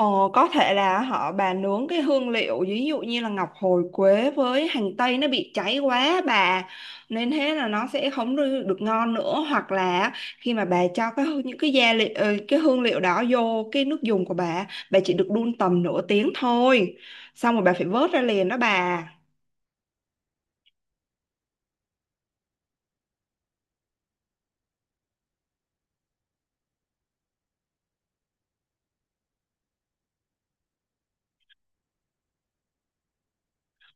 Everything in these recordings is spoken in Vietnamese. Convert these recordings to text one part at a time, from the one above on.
Ồ, có thể là bà nướng cái hương liệu ví dụ như là ngọc hồi quế với hành tây nó bị cháy quá bà, nên thế là nó sẽ không được được ngon nữa, hoặc là khi mà bà cho những cái gia liệu, cái hương liệu đó vô cái nước dùng của bà chỉ được đun tầm nửa tiếng thôi, xong rồi bà phải vớt ra liền đó bà.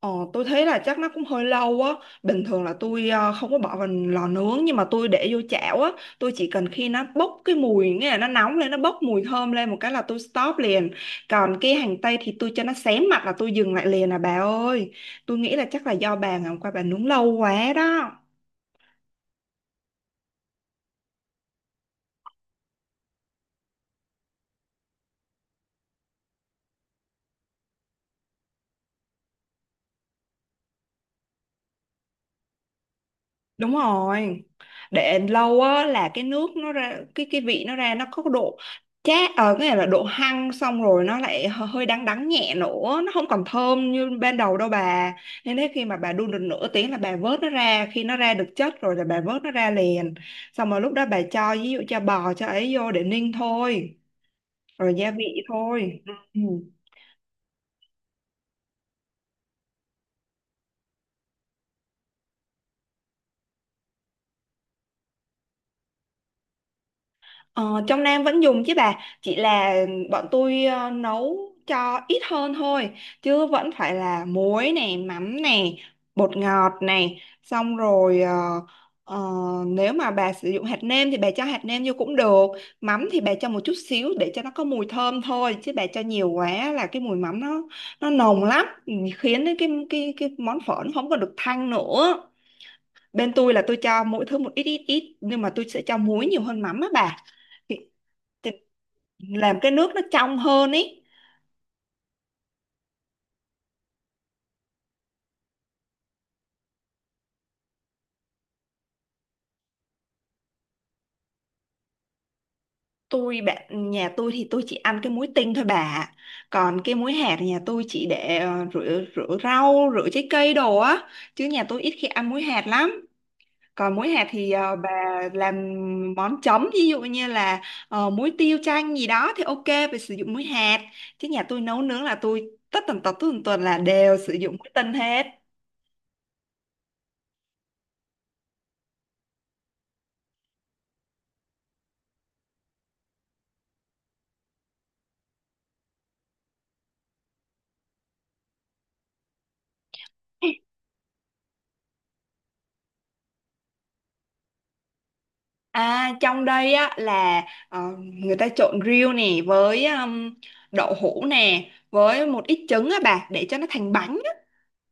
Ờ, tôi thấy là chắc nó cũng hơi lâu á. Bình thường là tôi không có bỏ vào lò nướng, nhưng mà tôi để vô chảo á. Tôi chỉ cần khi nó bốc cái mùi, nghĩa là nó nóng lên, nó bốc mùi thơm lên, một cái là tôi stop liền. Còn cái hành tây thì tôi cho nó xém mặt là tôi dừng lại liền à bà ơi. Tôi nghĩ là chắc là do bà ngày hôm qua bà nướng lâu quá đó. Đúng rồi, để lâu á là cái nước nó ra cái vị, nó ra nó có độ chát, ở cái này là độ hăng, xong rồi nó lại hơi đắng đắng nhẹ nữa, nó không còn thơm như ban đầu đâu bà. Nên thế khi mà bà đun được nửa tiếng là bà vớt nó ra, khi nó ra được chất rồi là bà vớt nó ra liền, xong rồi lúc đó bà cho ví dụ cho bò cho ấy vô để ninh thôi, rồi gia vị thôi. Ừ. Ờ, trong Nam vẫn dùng chứ bà, chỉ là bọn tôi nấu cho ít hơn thôi, chứ vẫn phải là muối này, mắm này, bột ngọt này, xong rồi ờ, nếu mà bà sử dụng hạt nêm thì bà cho hạt nêm vô cũng được. Mắm thì bà cho một chút xíu để cho nó có mùi thơm thôi, chứ bà cho nhiều quá là cái mùi mắm nó nồng lắm. Ừ, Khiến đến cái món phở nó không có được thanh nữa. Bên tôi là tôi cho mỗi thứ một ít ít ít, nhưng mà tôi sẽ cho muối nhiều hơn mắm á bà, thì làm cái nước nó trong hơn ý. Bạn nhà tôi thì tôi chỉ ăn cái muối tinh thôi bà ạ. Còn cái muối hạt thì nhà tôi chỉ để rửa rửa rau, rửa trái cây đồ á, chứ nhà tôi ít khi ăn muối hạt lắm. Còn muối hạt thì bà làm món chấm ví dụ như là muối tiêu chanh gì đó thì ok, phải sử dụng muối hạt. Chứ nhà tôi nấu nướng là tôi tất tần tật là đều sử dụng muối tinh hết. À, trong đây á là người ta trộn riêu nè với đậu hũ nè với một ít trứng á bà, để cho nó thành bánh á.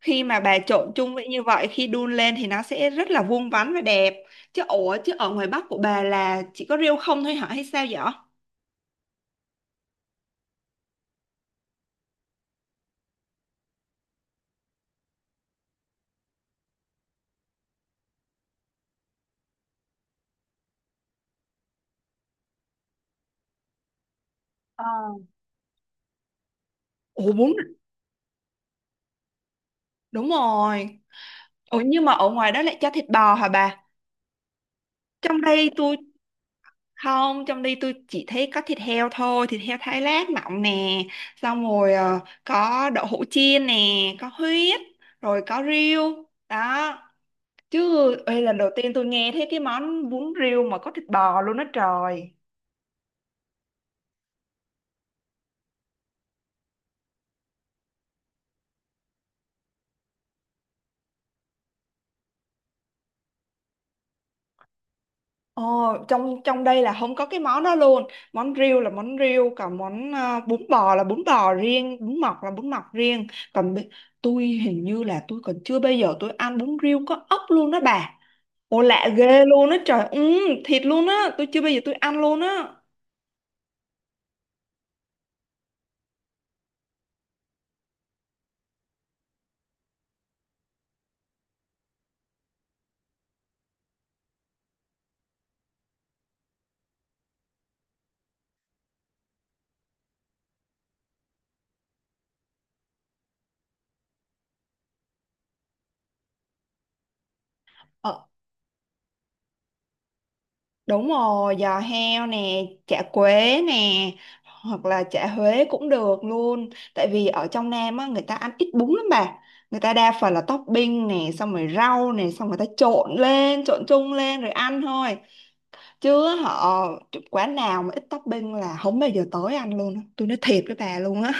Khi mà bà trộn chung với như vậy, khi đun lên thì nó sẽ rất là vuông vắn và đẹp. Ủa, chứ ở ngoài Bắc của bà là chỉ có riêu không thôi hả hay sao vậy? Ờ. Ủa bún Đúng rồi. Ủa, nhưng mà ở ngoài đó lại cho thịt bò hả bà? Trong đây tôi Không, trong đi tôi chỉ thấy có thịt heo thôi, thịt heo thái lát mỏng nè, xong rồi có đậu hũ chiên nè, có huyết, rồi có riêu đó. Chứ ê, lần đầu tiên tôi nghe thấy cái món bún riêu mà có thịt bò luôn đó trời. Ồ, trong trong đây là không có cái món đó luôn. Món riêu là món riêu, còn món bún bò là bún bò riêng, bún mọc là bún mọc riêng. Còn tôi hình như là tôi còn chưa bao giờ tôi ăn bún riêu có ốc luôn đó bà. Ồ lạ ghê luôn á trời, ừ, thịt luôn á. Tôi chưa bao giờ tôi ăn luôn á. ờ, Đúng rồi, giò heo nè, chả quế nè, hoặc là chả Huế cũng được luôn. Tại vì ở trong Nam á, người ta ăn ít bún lắm bà. Người ta đa phần là topping nè, xong rồi rau nè, xong người ta trộn lên, trộn chung lên rồi ăn thôi. Chứ họ Quán nào mà ít topping là không bao giờ tới ăn luôn á. Tôi nói thiệt với bà luôn á.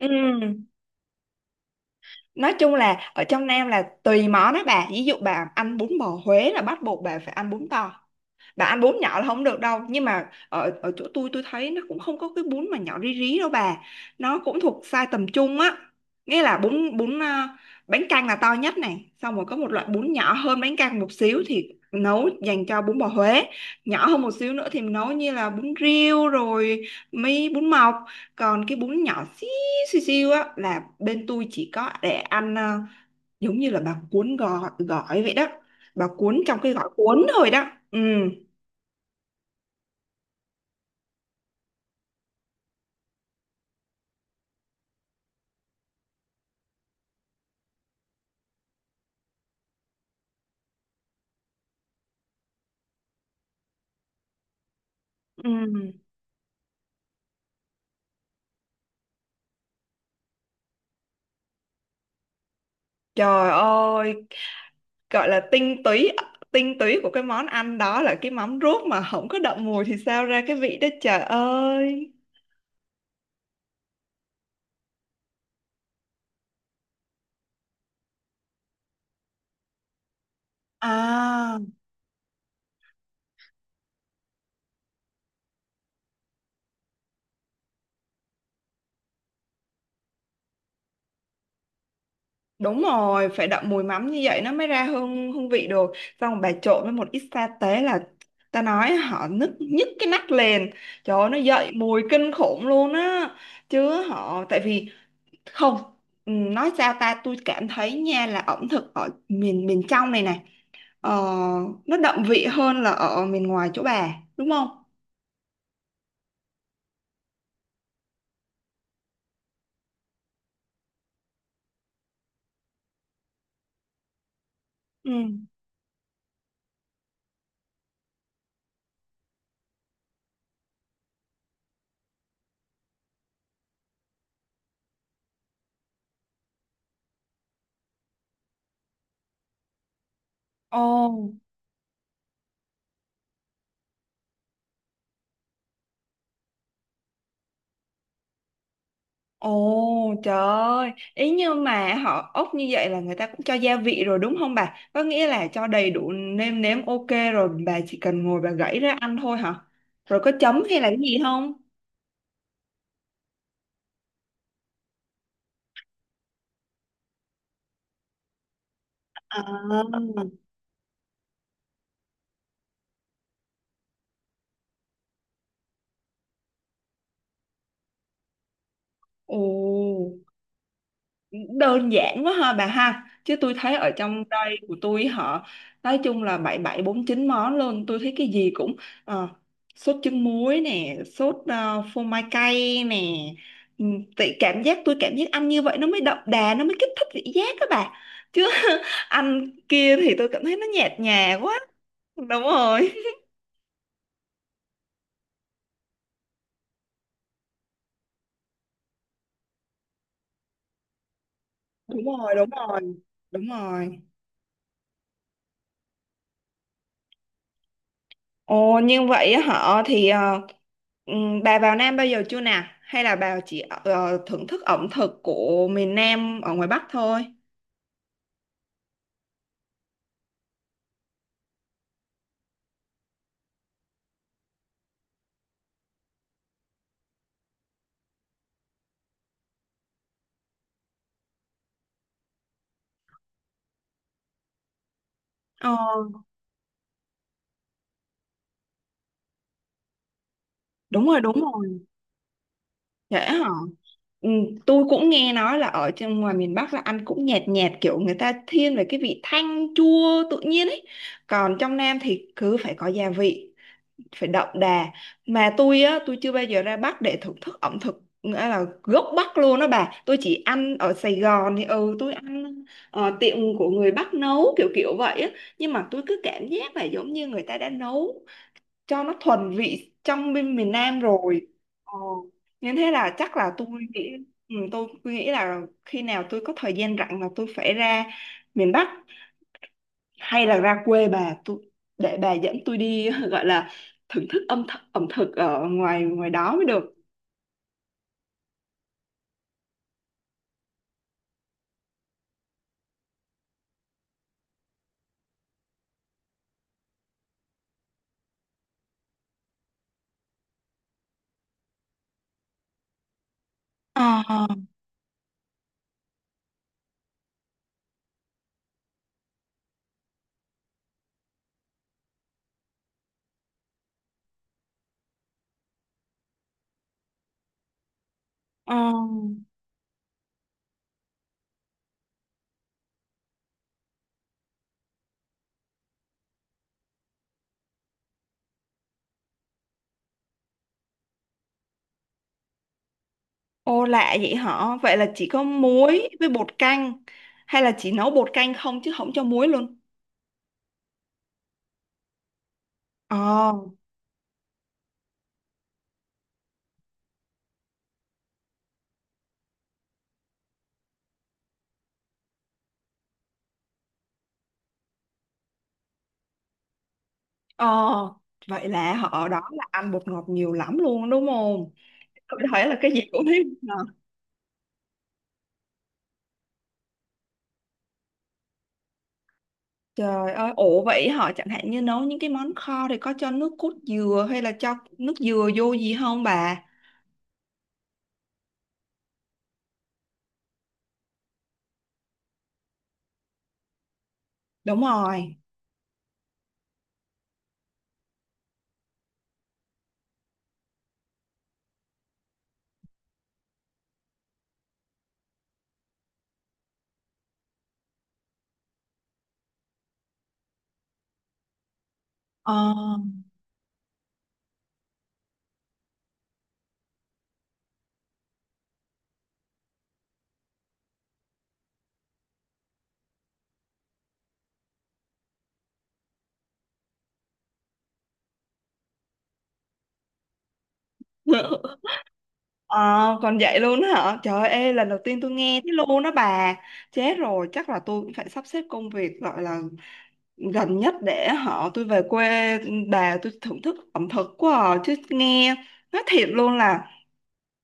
Ừ. Nói chung là ở trong Nam là tùy món đó bà, ví dụ bà ăn bún bò Huế là bắt buộc bà phải ăn bún bò, bà ăn bún nhỏ là không được đâu. Nhưng mà ở ở chỗ tôi thấy nó cũng không có cái bún mà nhỏ rí rí đâu bà, nó cũng thuộc size tầm trung á, nghĩa là bún bún à, bánh canh là to nhất này, xong rồi có một loại bún nhỏ hơn bánh canh một xíu thì nấu dành cho bún bò Huế, nhỏ hơn một xíu nữa thì mình nấu như là bún riêu rồi, mấy bún mọc. Còn cái bún nhỏ xíu xíu xíu á là bên tôi chỉ có để ăn à, giống như là bà cuốn gỏi, gỏi vậy đó, bà cuốn trong cái gỏi cuốn thôi đó. Ừ. Ừ. Trời ơi, gọi là tinh túy, tinh túy của cái món ăn đó là cái mắm ruốc mà không có đậm mùi thì sao ra cái vị đó trời ơi. À, đúng rồi, phải đậm mùi mắm như vậy nó mới ra hương hương vị được. Xong bà trộn với một ít sa tế là ta nói họ nức nhức cái nách lên. Trời ơi, nó dậy mùi kinh khủng luôn á. Chứ họ tại vì không, nói sao ta, tôi cảm thấy nha là ẩm thực ở miền miền trong này này, ờ, nó đậm vị hơn là ở miền ngoài chỗ bà đúng không. Ừ. Ồ, ồ, trời ơi. Ý như mà họ ốc như vậy là người ta cũng cho gia vị rồi đúng không bà? Có nghĩa là cho đầy đủ nêm nếm, ok, rồi bà chỉ cần ngồi bà gãy ra ăn thôi hả? Rồi có chấm hay là cái gì không? À. Ồ. Đơn giản quá ha bà ha, chứ tôi thấy ở trong đây của tôi họ nói chung là bảy bảy bốn chín món luôn. Tôi thấy cái gì cũng ờ, sốt trứng muối nè, sốt phô mai cay nè. Ừ, Tại cảm giác tôi cảm giác ăn như vậy nó mới đậm đà, nó mới kích thích vị giác các bà, chứ ăn kia thì tôi cảm thấy nó nhạt nhòa quá. Đúng rồi. Đúng rồi. Đúng rồi. Đúng rồi. Ồ, nhưng vậy á họ thì bà vào Nam bao giờ chưa nè? Hay là bà chỉ thưởng thức ẩm thực của miền Nam ở ngoài Bắc thôi? Ờ, đúng rồi, đúng rồi. Trễ hả? Ừm, tôi cũng nghe nói là ở trong ngoài miền Bắc là ăn cũng nhạt nhạt kiểu người ta thiên về cái vị thanh chua tự nhiên ấy. Còn trong Nam thì cứ phải có gia vị, phải đậm đà. Mà tôi á, tôi chưa bao giờ ra Bắc để thưởng thức ẩm thực nghĩa là gốc Bắc luôn đó bà. Tôi chỉ ăn ở Sài Gòn thì tôi ăn tiệm của người Bắc nấu kiểu kiểu vậy á, nhưng mà tôi cứ cảm giác là giống như người ta đã nấu cho nó thuần vị trong bên miền Nam rồi. Ờ. Nên thế là chắc là nghĩ tôi nghĩ là khi nào tôi có thời gian rảnh là tôi phải ra miền Bắc, hay là ra quê bà tôi, để bà dẫn tôi đi gọi là thưởng thức âm th ẩm thực ở ngoài ngoài đó mới được. Ờ, ờ, Ô, lạ vậy hả? Vậy là chỉ có muối với bột canh, hay là chỉ nấu bột canh không chứ không cho muối luôn? Ờ, ờ, Vậy là họ ở đó là ăn bột ngọt nhiều lắm luôn đúng không? Tôi thấy là cái gì cũng thấy bột ngọt. Trời ơi, ổ vậy họ chẳng hạn như nấu những cái món kho thì có cho nước cốt dừa hay là cho nước dừa vô gì không bà? Đúng rồi. Ờ, ờ, còn vậy luôn á hả? Trời ơi, lần đầu tiên tôi nghe thế luôn đó bà. Chết rồi, chắc là tôi cũng phải sắp xếp công việc gọi là gần nhất để họ tôi về quê bà tôi thưởng thức ẩm thực quá à. Chứ nghe nói thiệt luôn là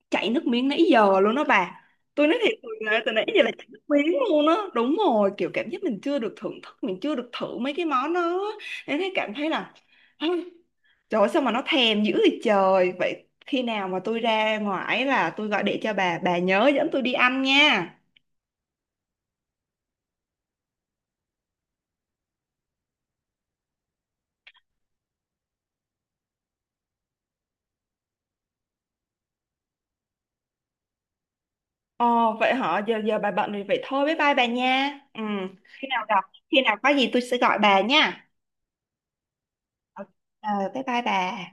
chảy nước miếng nãy giờ luôn đó bà. Tôi nói thiệt là từ nãy giờ là chảy nước miếng luôn á. Đúng rồi, kiểu cảm giác mình chưa được thưởng thức, mình chưa được thử mấy cái món đó. Nên thấy cảm thấy là trời ơi, sao mà nó thèm dữ vậy trời. Vậy khi nào mà tôi ra ngoài là tôi gọi điện cho bà nhớ dẫn tôi đi ăn nha. Ồ, vậy hả? Giờ giờ bà bận thì vậy thôi, bye bye bà nha. Ừ, khi nào gặp, khi nào có gì tôi sẽ gọi bà nha. Ờ, bye bye bà.